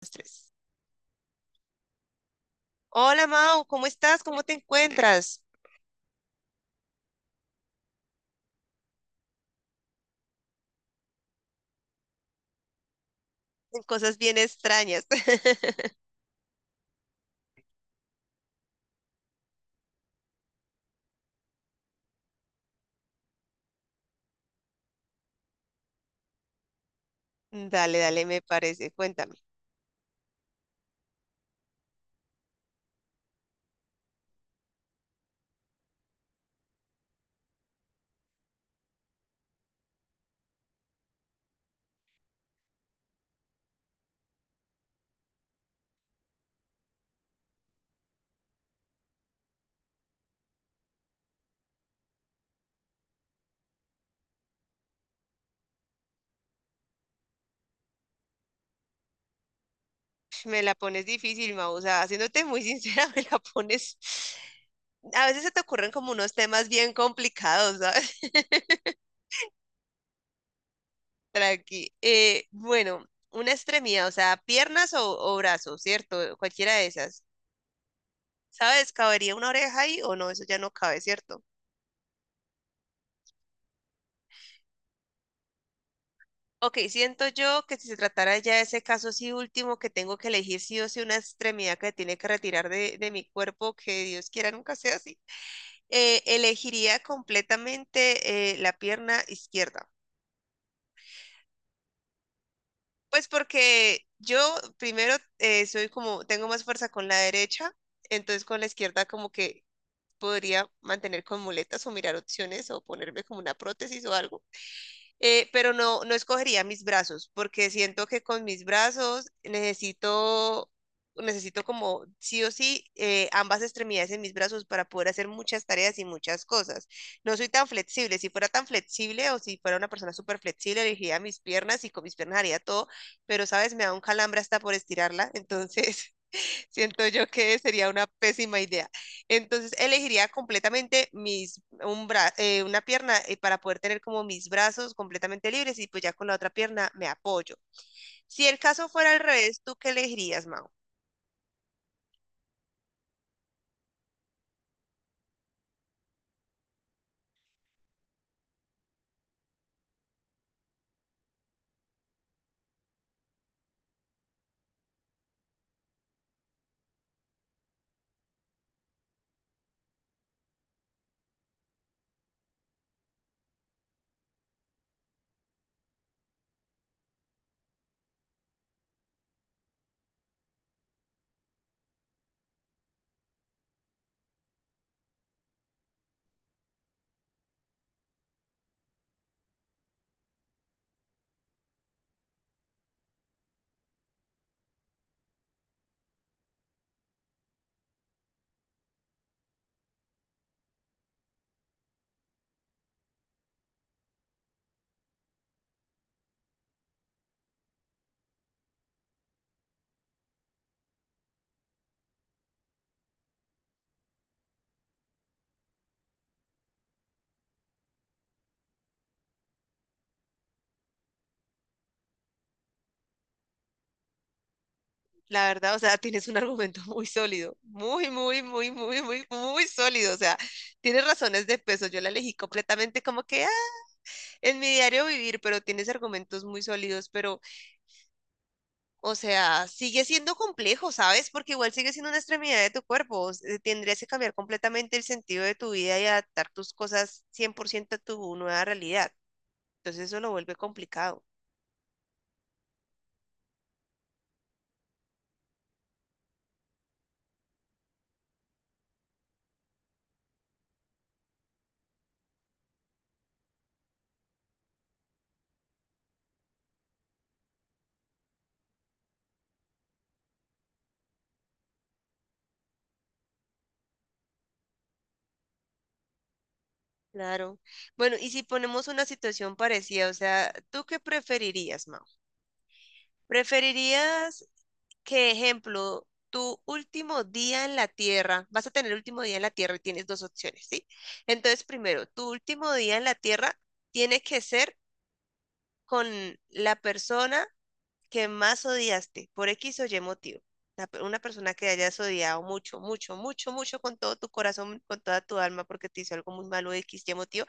Los tres. Hola, Mau, ¿cómo estás? ¿Cómo te encuentras? En cosas bien extrañas. Dale, dale, me parece. Cuéntame. Me la pones difícil, Mau. O sea, haciéndote muy sincera, me la pones. A veces se te ocurren como unos temas bien complicados, ¿sabes? Tranqui. Bueno, una extremidad, o sea, piernas o brazos, ¿cierto? Cualquiera de esas. ¿Sabes? ¿Cabería una oreja ahí o no? Eso ya no cabe, ¿cierto? Ok, siento yo que si se tratara ya de ese caso sí último, que tengo que elegir sí o sí una extremidad que tiene que retirar de mi cuerpo, que Dios quiera nunca sea así, elegiría completamente la pierna izquierda. Pues porque yo primero soy como, tengo más fuerza con la derecha, entonces con la izquierda como que podría mantener con muletas o mirar opciones o ponerme como una prótesis o algo pero no, no escogería mis brazos, porque siento que con mis brazos necesito, necesito como sí o sí ambas extremidades en mis brazos para poder hacer muchas tareas y muchas cosas. No soy tan flexible. Si fuera tan flexible o si fuera una persona súper flexible, elegiría mis piernas y con mis piernas haría todo, pero sabes, me da un calambre hasta por estirarla, entonces… Siento yo que sería una pésima idea. Entonces elegiría completamente una pierna para poder tener como mis brazos completamente libres y pues ya con la otra pierna me apoyo. Si el caso fuera al revés, ¿tú qué elegirías, Mau? La verdad, o sea, tienes un argumento muy sólido, muy, muy, muy, muy, muy, muy sólido. O sea, tienes razones de peso. Yo la elegí completamente como que ah, en mi diario vivir, pero tienes argumentos muy sólidos, pero… O sea, sigue siendo complejo, ¿sabes? Porque igual sigue siendo una extremidad de tu cuerpo. Tendrías que cambiar completamente el sentido de tu vida y adaptar tus cosas 100% a tu nueva realidad. Entonces eso lo vuelve complicado. Claro. Bueno, y si ponemos una situación parecida, o sea, ¿tú qué preferirías, Mau? ¿Preferirías que, ejemplo, tu último día en la Tierra, vas a tener el último día en la Tierra y tienes dos opciones, ¿sí? Entonces, primero, tu último día en la Tierra tiene que ser con la persona que más odiaste por X o Y motivo. Una persona que hayas odiado mucho, mucho, mucho, mucho con todo tu corazón, con toda tu alma, porque te hizo algo muy malo, X, Y motivo.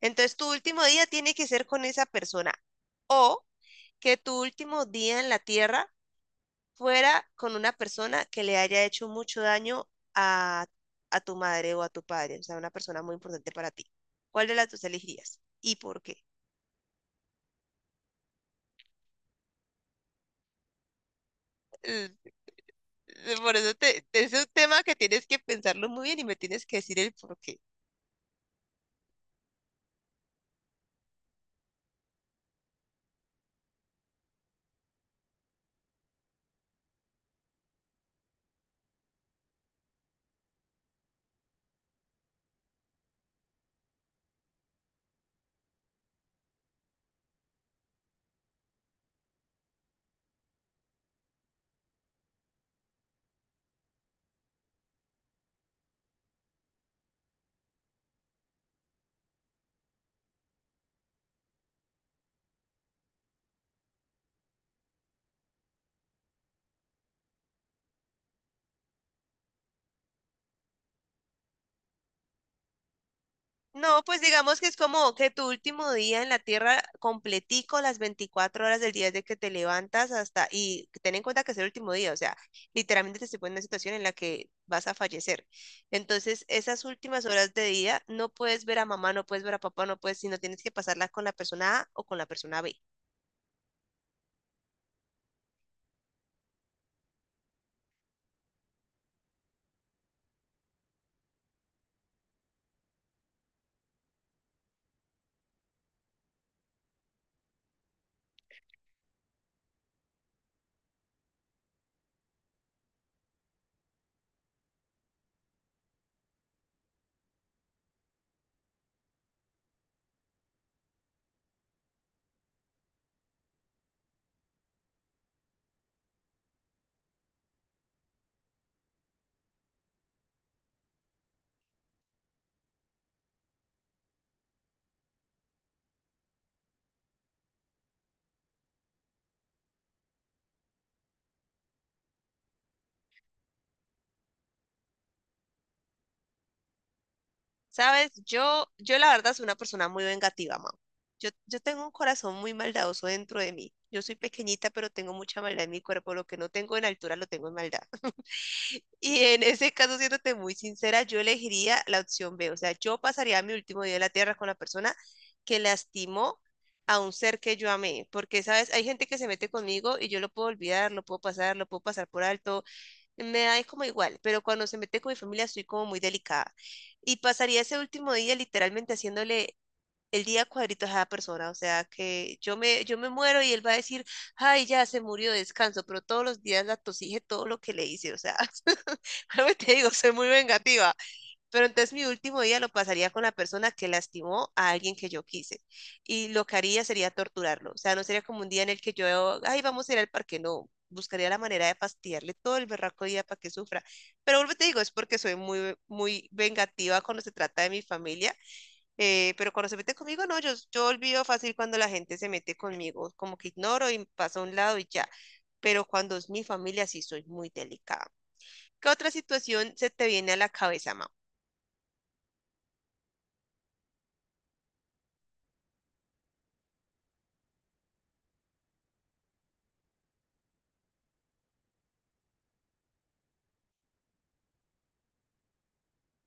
Entonces, tu último día tiene que ser con esa persona. O que tu último día en la tierra fuera con una persona que le haya hecho mucho daño a, a tu madre o a tu padre, o sea, una persona muy importante para ti. ¿Cuál de las dos elegirías y por qué? Por eso es un tema que tienes que pensarlo muy bien y me tienes que decir el por qué. No, pues digamos que es como que tu último día en la tierra completico, las 24 horas del día desde que te levantas hasta, y ten en cuenta que es el último día, o sea, literalmente te se pone en una situación en la que vas a fallecer. Entonces, esas últimas horas de día no puedes ver a mamá, no puedes ver a papá, no puedes, sino tienes que pasarlas con la persona A o con la persona B. Sabes, yo la verdad soy una persona muy vengativa, mam. Yo tengo un corazón muy maldadoso dentro de mí. Yo soy pequeñita, pero tengo mucha maldad en mi cuerpo. Lo que no tengo en altura, lo tengo en maldad. Y en ese caso, siéndote muy sincera, yo elegiría la opción B. O sea, yo pasaría mi último día en la tierra con la persona que lastimó a un ser que yo amé. Porque, sabes, hay gente que se mete conmigo y yo lo puedo olvidar, lo puedo pasar por alto. Me da como igual, pero cuando se mete con mi familia estoy como muy delicada. Y pasaría ese último día literalmente haciéndole el día cuadritos a cada persona. O sea, que yo me muero y él va a decir, ay, ya se murió, descanso, pero todos los días la tosije todo lo que le hice. O sea, algo te digo, soy muy vengativa. Pero entonces mi último día lo pasaría con la persona que lastimó a alguien que yo quise. Y lo que haría sería torturarlo. O sea, no sería como un día en el que yo, ay, vamos a ir al parque. No, buscaría la manera de fastidiarle todo el berraco día para que sufra. Pero vuelvo y te digo, es porque soy muy, muy vengativa cuando se trata de mi familia. Pero cuando se mete conmigo, no, yo olvido fácil cuando la gente se mete conmigo. Como que ignoro y paso a un lado y ya. Pero cuando es mi familia, sí soy muy delicada. ¿Qué otra situación se te viene a la cabeza, Mau?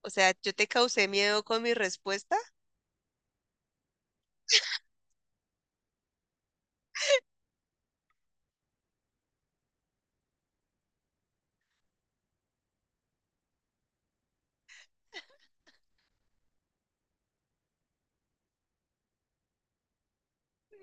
O sea, yo te causé miedo con mi respuesta.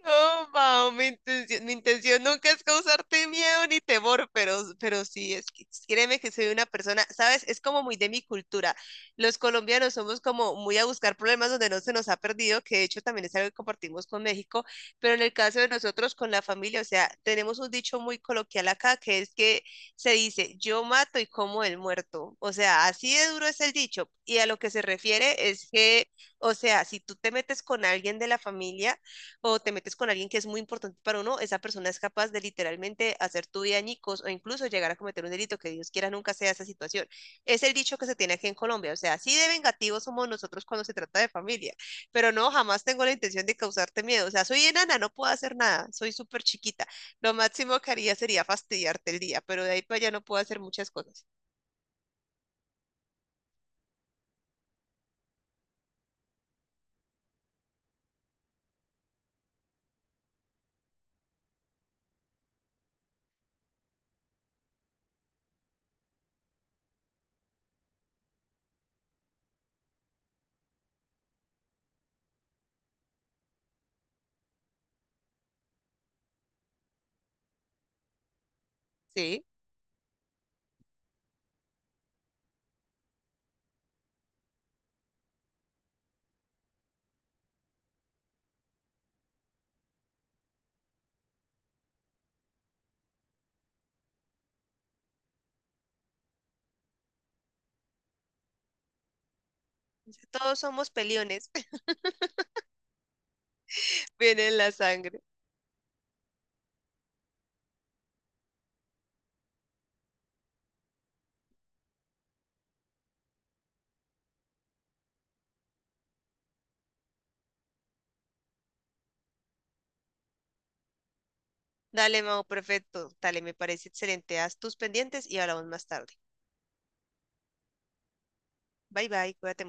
No, Pau, mi intención nunca es causarte miedo ni temor, pero sí, es que créeme que soy una persona, ¿sabes? Es como muy de mi cultura. Los colombianos somos como muy a buscar problemas donde no se nos ha perdido, que de hecho también es algo que compartimos con México, pero en el caso de nosotros con la familia, o sea, tenemos un dicho muy coloquial acá, que es que se dice, yo mato y como el muerto. O sea, así de duro es el dicho. Y a lo que se refiere es que… O sea, si tú te metes con alguien de la familia, o te metes con alguien que es muy importante para uno, esa persona es capaz de literalmente hacer tu vida añicos o incluso llegar a cometer un delito que Dios quiera nunca sea esa situación. Es el dicho que se tiene aquí en Colombia, o sea, así de vengativos somos nosotros cuando se trata de familia, pero no, jamás tengo la intención de causarte miedo, o sea, soy enana, no puedo hacer nada, soy súper chiquita, lo máximo que haría sería fastidiarte el día, pero de ahí para allá no puedo hacer muchas cosas, ¿sí? Todos somos peliones, viene en la sangre. Dale, Mau, perfecto. Dale, me parece excelente. Haz tus pendientes y hablamos más tarde. Bye bye, cuídate mucho.